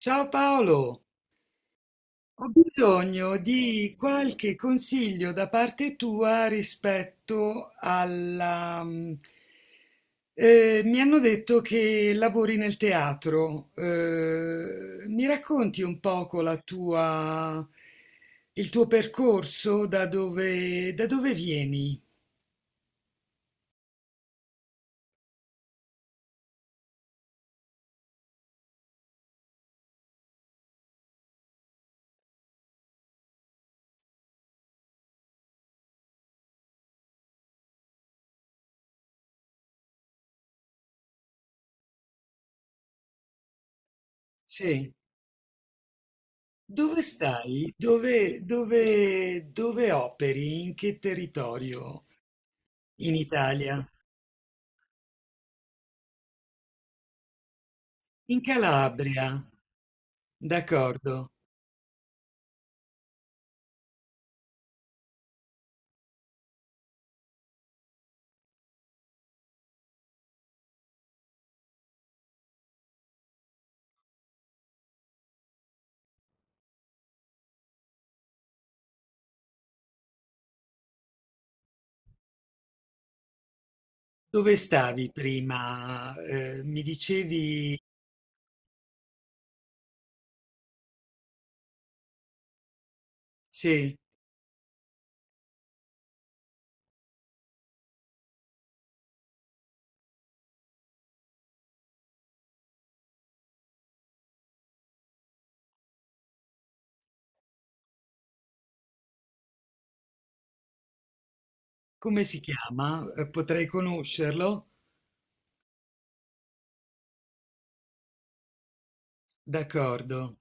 Ciao Paolo, ho bisogno di qualche consiglio da parte tua rispetto alla, mi hanno detto che lavori nel teatro. Mi racconti un poco il tuo percorso, da dove vieni? Sì. Dove stai? Dove operi? In che territorio? In Italia? In Calabria, d'accordo. Dove stavi prima? Mi dicevi, sì, come si chiama? Potrei conoscerlo? D'accordo.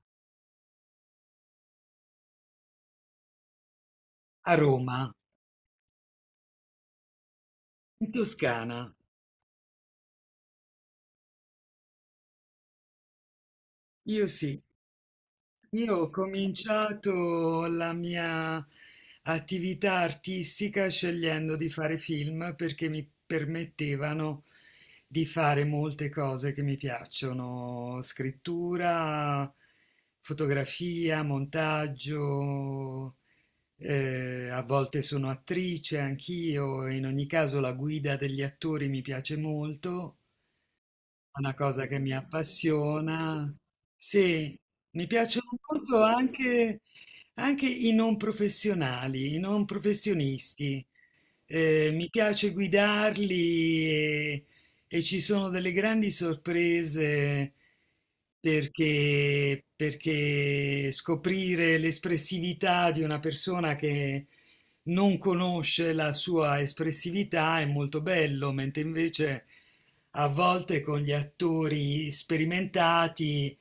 A Roma, in Toscana. Io sì. Io ho cominciato la mia attività artistica scegliendo di fare film perché mi permettevano di fare molte cose che mi piacciono, scrittura, fotografia, montaggio, a volte sono attrice anch'io. In ogni caso la guida degli attori mi piace molto, una cosa che mi appassiona. Sì, mi piacciono molto anche i non professionali, i non professionisti. Mi piace guidarli e ci sono delle grandi sorprese perché scoprire l'espressività di una persona che non conosce la sua espressività è molto bello, mentre invece a volte con gli attori sperimentati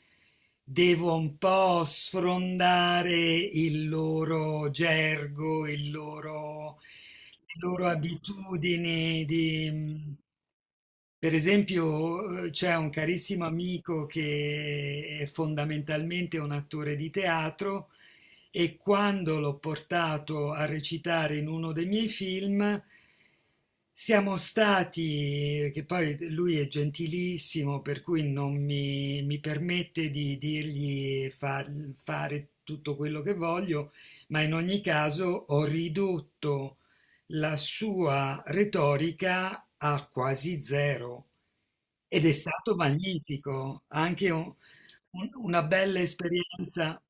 devo un po' sfrondare il loro gergo, le loro abitudini. Di... Per esempio, c'è un carissimo amico che è fondamentalmente un attore di teatro e quando l'ho portato a recitare in uno dei miei film siamo stati, che poi lui è gentilissimo, per cui non mi permette di dirgli fare tutto quello che voglio, ma in ogni caso ho ridotto la sua retorica a quasi zero ed è stato magnifico, anche una bella esperienza,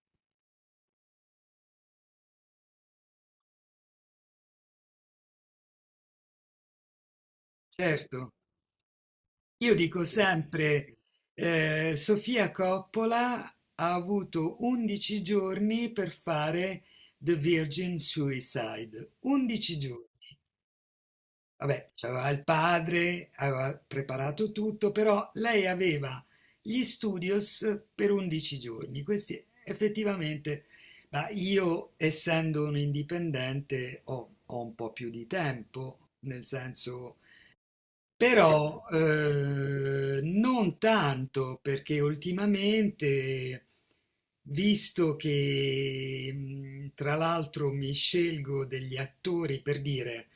certo. Io dico sempre, Sofia Coppola ha avuto 11 giorni per fare The Virgin Suicide. 11 giorni. Vabbè, c'aveva il padre, aveva preparato tutto, però lei aveva gli studios per 11 giorni. Questi effettivamente, ma io essendo un indipendente ho un po' più di tempo, nel senso però non tanto perché ultimamente, visto che tra l'altro mi scelgo degli attori per dire,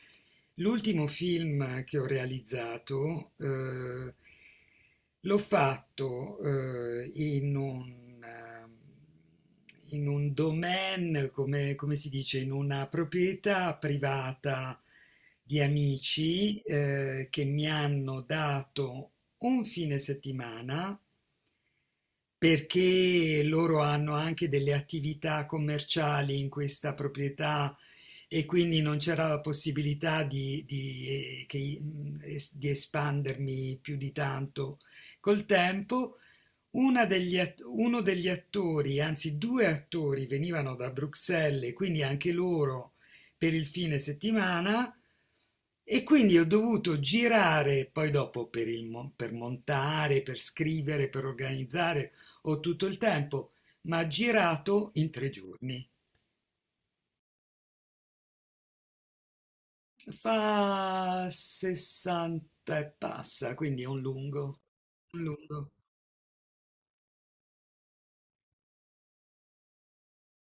l'ultimo film che ho realizzato l'ho fatto eh, in un, ehm, in un domain, come si dice, in una proprietà privata di amici che mi hanno dato un fine settimana perché loro hanno anche delle attività commerciali in questa proprietà e quindi non c'era la possibilità di espandermi più di tanto col tempo. Uno degli attori, anzi due attori, venivano da Bruxelles, quindi anche loro per il fine settimana. E quindi ho dovuto girare, poi dopo per montare, per scrivere, per organizzare, ho tutto il tempo, ma girato in tre giorni. Fa 60 e passa, quindi è un lungo, un lungo.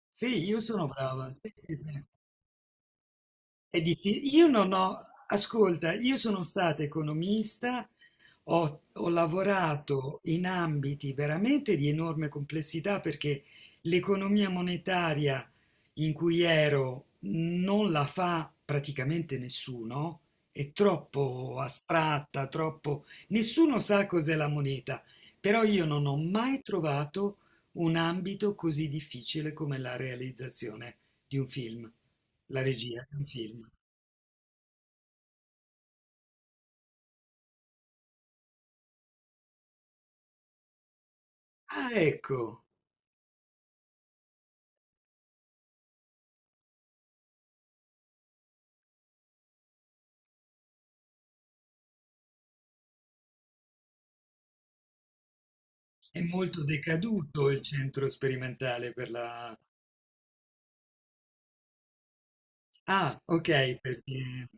Sì, io sono brava. Sì, sì, sì. Io non ho, ascolta, io sono stata economista, ho lavorato in ambiti veramente di enorme complessità perché l'economia monetaria in cui ero non la fa praticamente nessuno, è troppo astratta, troppo. Nessuno sa cos'è la moneta, però io non ho mai trovato un ambito così difficile come la realizzazione di un film, la regia di un film. Ah, ecco, è molto decaduto il centro sperimentale per la. Ah, ok, perché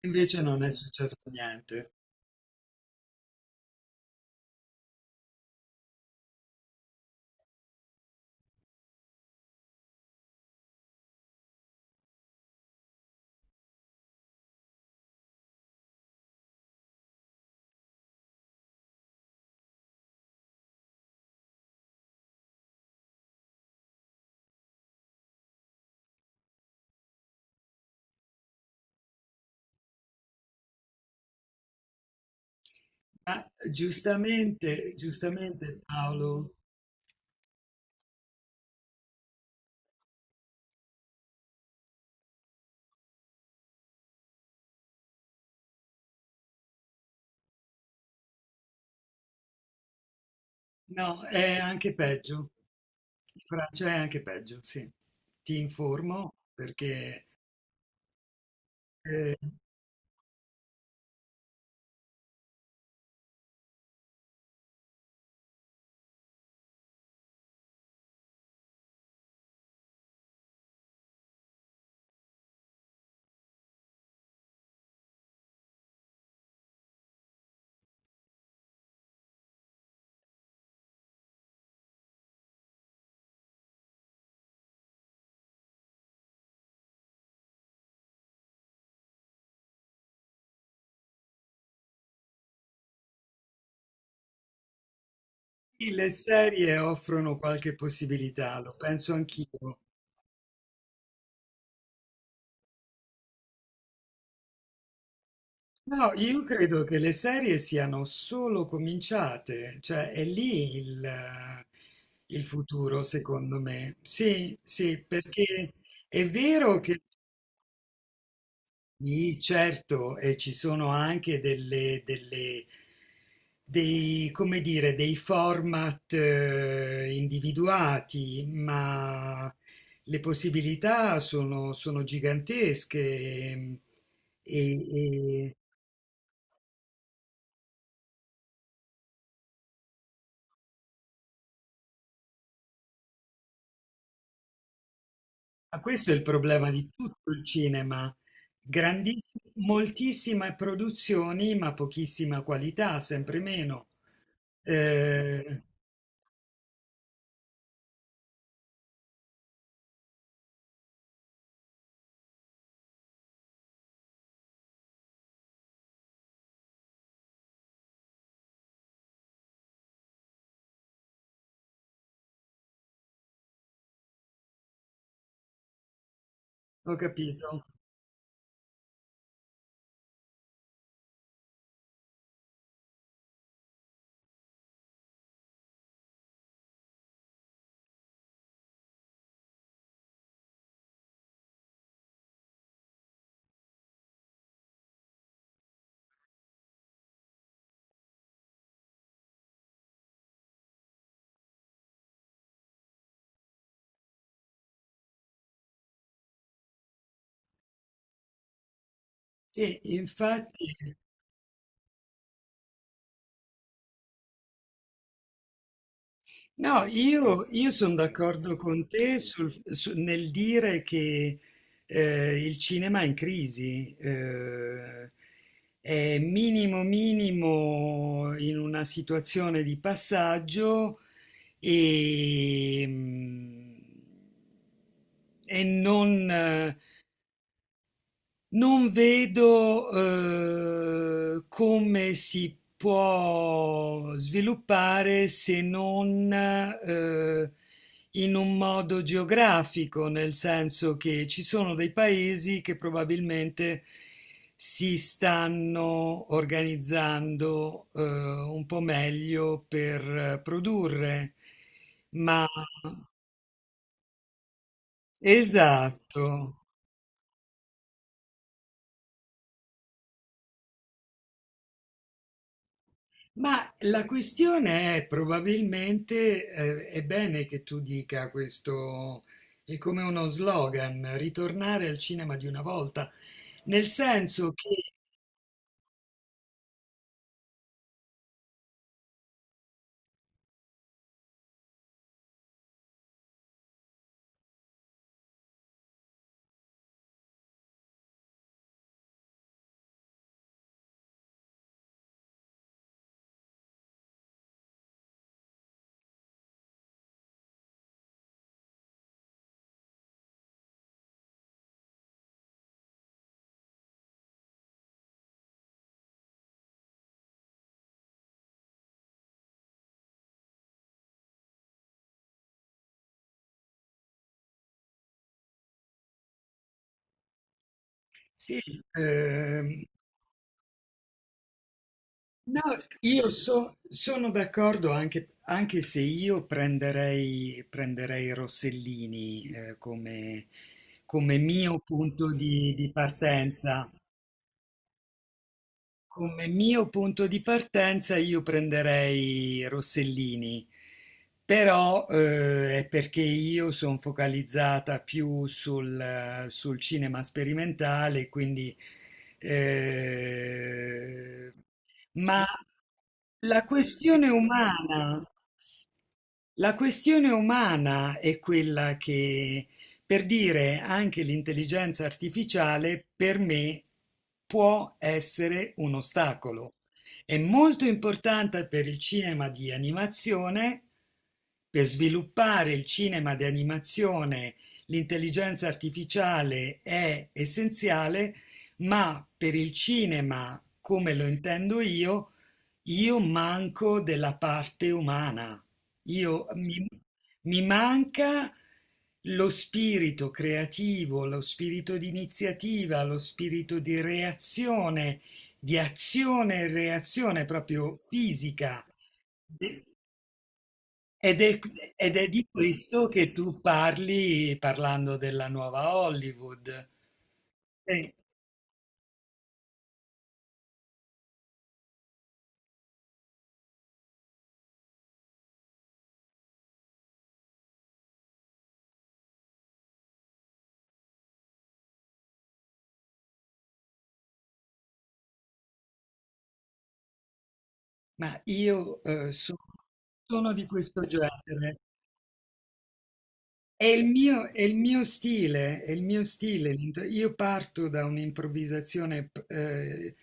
invece non è successo niente. Ma giustamente, giustamente Paolo, no, è anche peggio. In Francia è anche peggio, sì. Ti informo perché eh, sì, le serie offrono qualche possibilità, lo penso anch'io. No, no, io credo che le serie siano solo cominciate, cioè è lì il futuro, secondo me. Sì, sì, perché è vero che sì, certo, e ci sono anche dei, come dire, dei format individuati, ma le possibilità sono gigantesche. ehm, E, e- Ma questo è il problema di tutto il cinema. Grandissime, moltissime produzioni, ma pochissima qualità, sempre meno. Eh, ho capito. Sì, infatti. No, io sono d'accordo con te nel dire che il cinema è in crisi, è minimo minimo in una situazione di passaggio e, mm, e non vedo, come si può sviluppare se non, in un modo geografico, nel senso che ci sono dei paesi che probabilmente si stanno organizzando, un po' meglio per produrre. Ma esatto. Ma la questione è probabilmente, è bene che tu dica questo, è come uno slogan, ritornare al cinema di una volta, nel senso che sì, ehm, no, io sono d'accordo anche, anche se io prenderei, prenderei Rossellini, come mio punto di partenza. Come mio punto di partenza io prenderei Rossellini, però è perché io sono focalizzata più sul cinema sperimentale, quindi. eh, ma la questione umana, la questione umana è quella che, per dire, anche l'intelligenza artificiale per me può essere un ostacolo. È molto importante per il cinema di animazione, per sviluppare il cinema di animazione, l'intelligenza artificiale è essenziale, ma per il cinema, come lo intendo io manco della parte umana. Io mi manca lo spirito creativo, lo spirito di iniziativa, lo spirito di reazione, di azione e reazione proprio fisica. E- Ed è, ed è di questo che tu parli parlando della nuova Hollywood. Eh, ma io sono di questo genere. È il mio stile, è il mio stile. Io parto da un'improvvisazione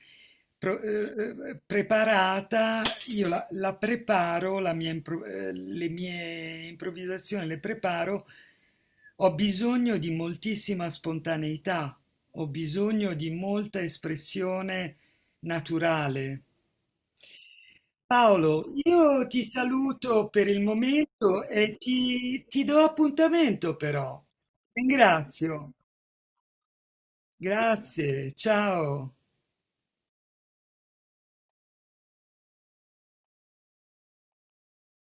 preparata, io la preparo, le mie improvvisazioni le preparo. Ho bisogno di moltissima spontaneità, ho bisogno di molta espressione naturale. Paolo, io ti saluto per il momento e ti do appuntamento però. Ringrazio. Grazie, ciao.